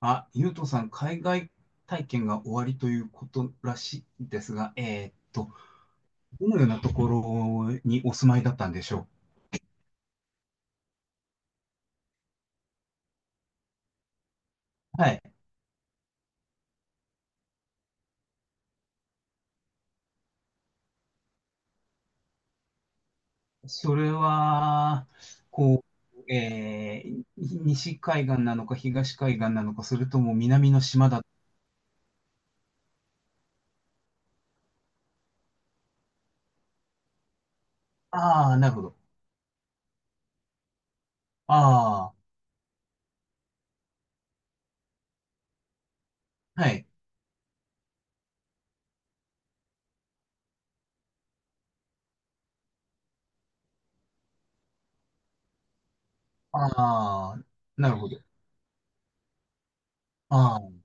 あ、ゆうとさん、海外体験が終わりということらしいですが、どのようなところにお住まいだったんでしょう。はい。それは、こう、西海岸なのか東海岸なのか、それとも南の島だ。ああ、なるほど。ああ、はい。ああ、なるほど。ああ、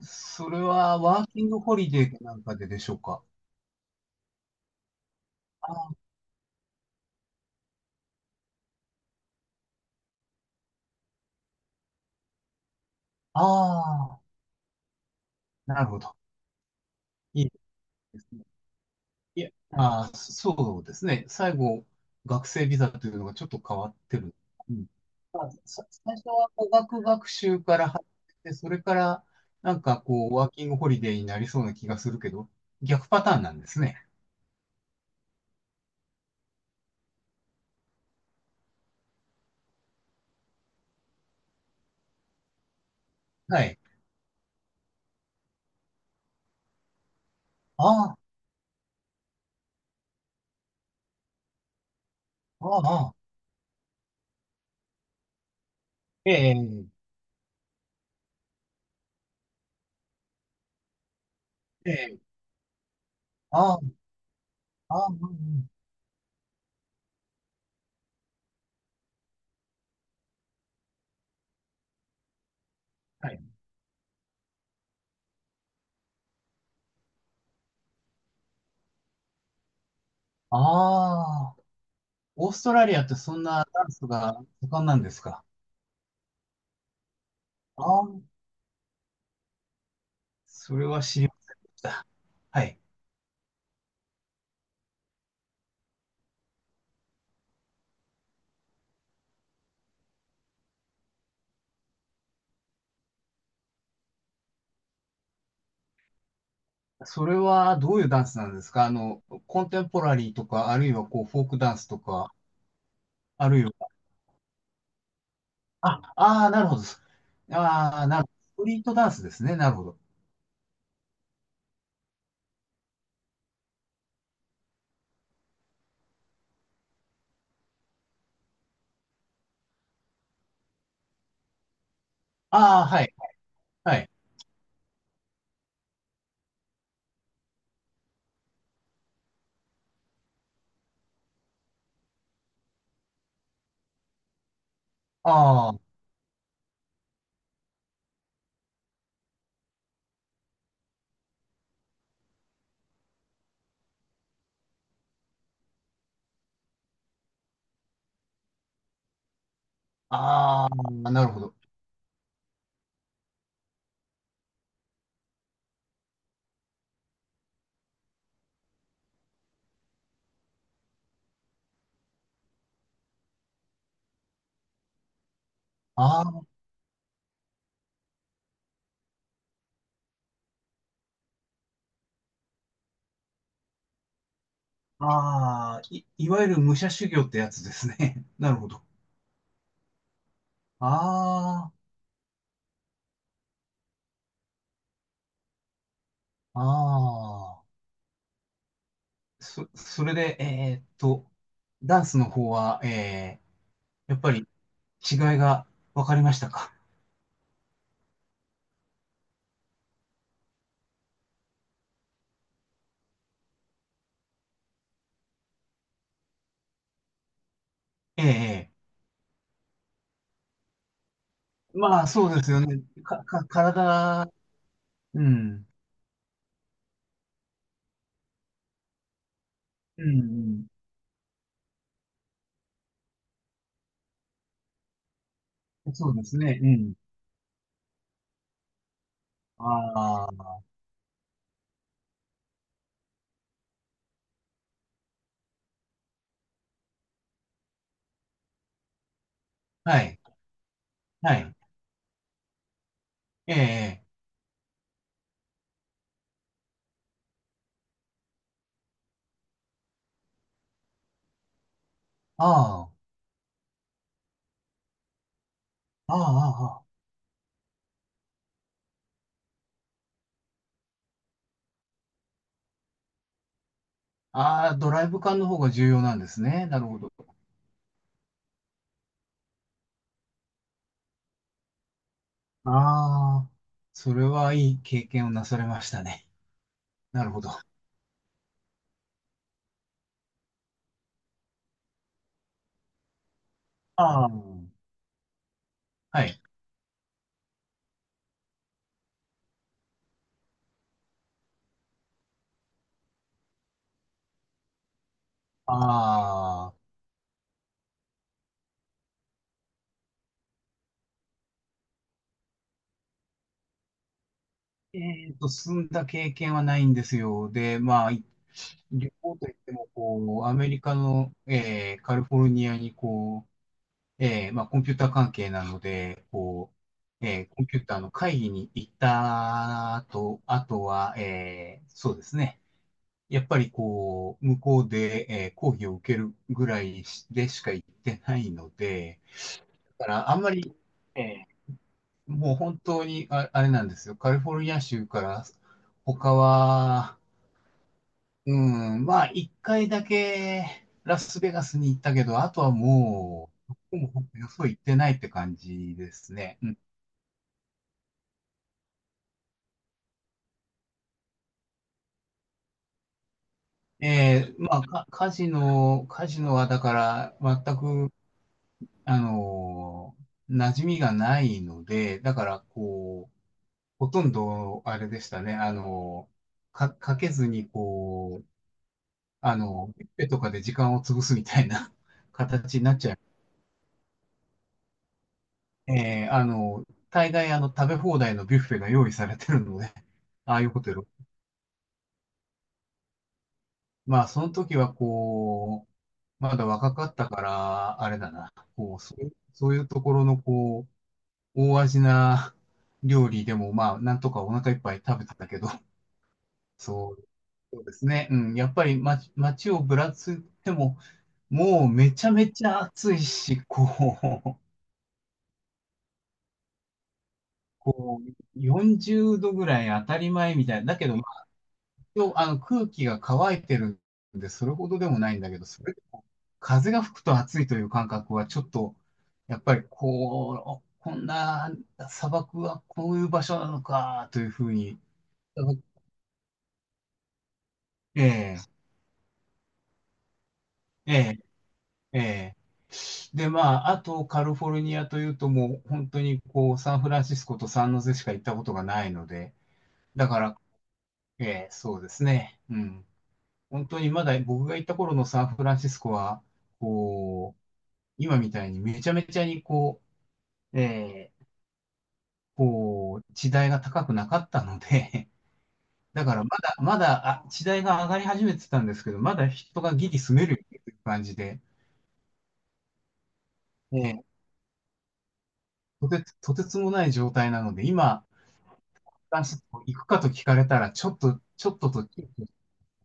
それはワーキングホリデーかなんかででしょうか。ああ、ああ、なるほど。いいですね。いや、あー、そうですね。最後、学生ビザというのがちょっと変わってる。うん。まあ、最初は語学学習から入って、それからなんかこう、ワーキングホリデーになりそうな気がするけど、逆パターンなんですね。はい。ああ、ああ、ああ、ええ、ええ、ああ、ああ、うんうん。はい。ああ、オーストラリアってそんなダンスが盛んなんですか。ああ、それは知りま、はい。それはどういうダンスなんですか、あの、コンテンポラリーとか、あるいはこう、フォークダンスとか、あるいは、あ、ああ、なるほど。ああ、なるほど。ストリートダンスですね。なるほど。ああ、はい、はい。ああ、ああ、なるほど。ああ、ああ、いわゆる武者修行ってやつですね。なるほど。ああ、ああ。それで、ダンスの方は、やっぱり違いが分かりましたか。ええ、ええ、まあ、そうですよね。体、うん、うん、うん。そうですね、うん。ああ、はい、はい。ええ、ああ、ああ、ああ、ああ、ドライブ感の方が重要なんですね。なるほど。ああ、それはいい経験をなされましたね。なるほど。ああ、はい。ああ、えっと、進んだ経験はないんですよ。で、まあ、い旅行といっても、こう、アメリカの、カリフォルニアに、こう、まあ、コンピューター関係なので、こう、コンピューターの会議に行った後、あとは、そうですね。やっぱりこう、向こうで、講義を受けるぐらいでしか行ってないので、だからあんまり、えーもう本当にあれなんですよ。カリフォルニア州から他は、うん、まあ、一回だけラスベガスに行ったけど、あとはもう、どこもよそ行ってないって感じですね。うん、まあ、カジノ、カジノはだから、全く、あの馴染みがないので、だから、こう、ほとんど、あれでしたね、かけずに、こう、あの、ビュッフェとかで時間を潰すみたいな 形になっちゃい、あの、大概あの食べ放題のビュッフェが用意されてるので、ああいうホテル。まあ、その時はこう、まだ若かったから、あれだな、こう、そういうところのこう、大味な 料理でも、まあ、なんとかお腹いっぱい食べてたけど、そう、そうですね。うん、やっぱり街をぶらついても、もうめちゃめちゃ暑いし、こう、こう、40度ぐらい当たり前みたいな。だけど、応あの空気が乾いてるんで、それほどでもないんだけど、それでも風が吹くと暑いという感覚はちょっと、やっぱりこう、こんな砂漠はこういう場所なのかというふうに、ええ、ええ、ええ。で、まあ、あとカリフォルニアというともう本当にこうサンフランシスコとサンノゼしか行ったことがないので、だから、ええ、そうですね。うん。本当にまだ僕が行った頃のサンフランシスコは、こう、今みたいにめちゃめちゃにこう、こう、地代が高くなかったので、だからまだ、まだ、あ、地代が上がり始めてたんですけど、まだ人がギリ住めるっていう感じで、ええ、とてつもない状態なので、今、行くかと聞かれたら、ちょっとと、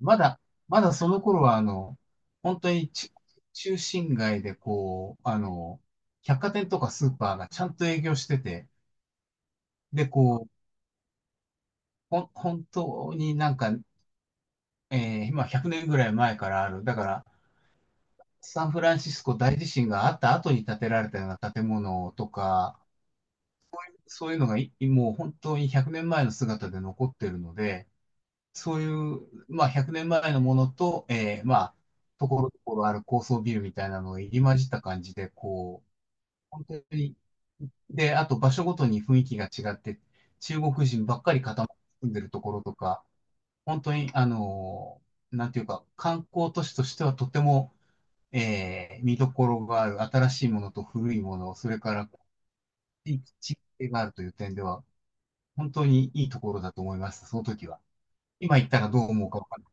まだ、まだその頃は、あの、本当に中心街で、こう、あの、百貨店とかスーパーがちゃんと営業してて、で、こう、本当になんかまあ100年ぐらい前からある。だから、サンフランシスコ大地震があった後に建てられたような建物とか、そういうのがいもう本当に100年前の姿で残ってるので、そういう、まあ100年前のものと、まあ、ところどころある高層ビルみたいなのが入り混じった感じで、こう、本当に、で、あと場所ごとに雰囲気が違って、中国人ばっかり固まって住んでるところとか、本当に、なんていうか、観光都市としてはとても、見どころがある、新しいものと古いもの、それから地域性があるという点では、本当にいいところだと思います、その時は。今言ったらどう思うかわかんない。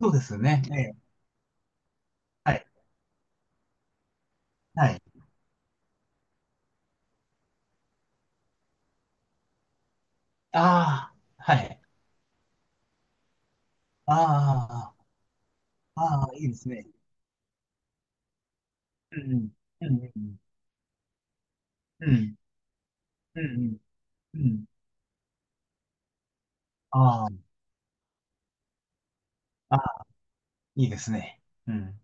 そうですね。ええ、はい。はい。ああ、はい。ああ、ああ、いいですね。うん、うん、うん、うん、うん、うん、うん。ああ、ああ、いいですね。うん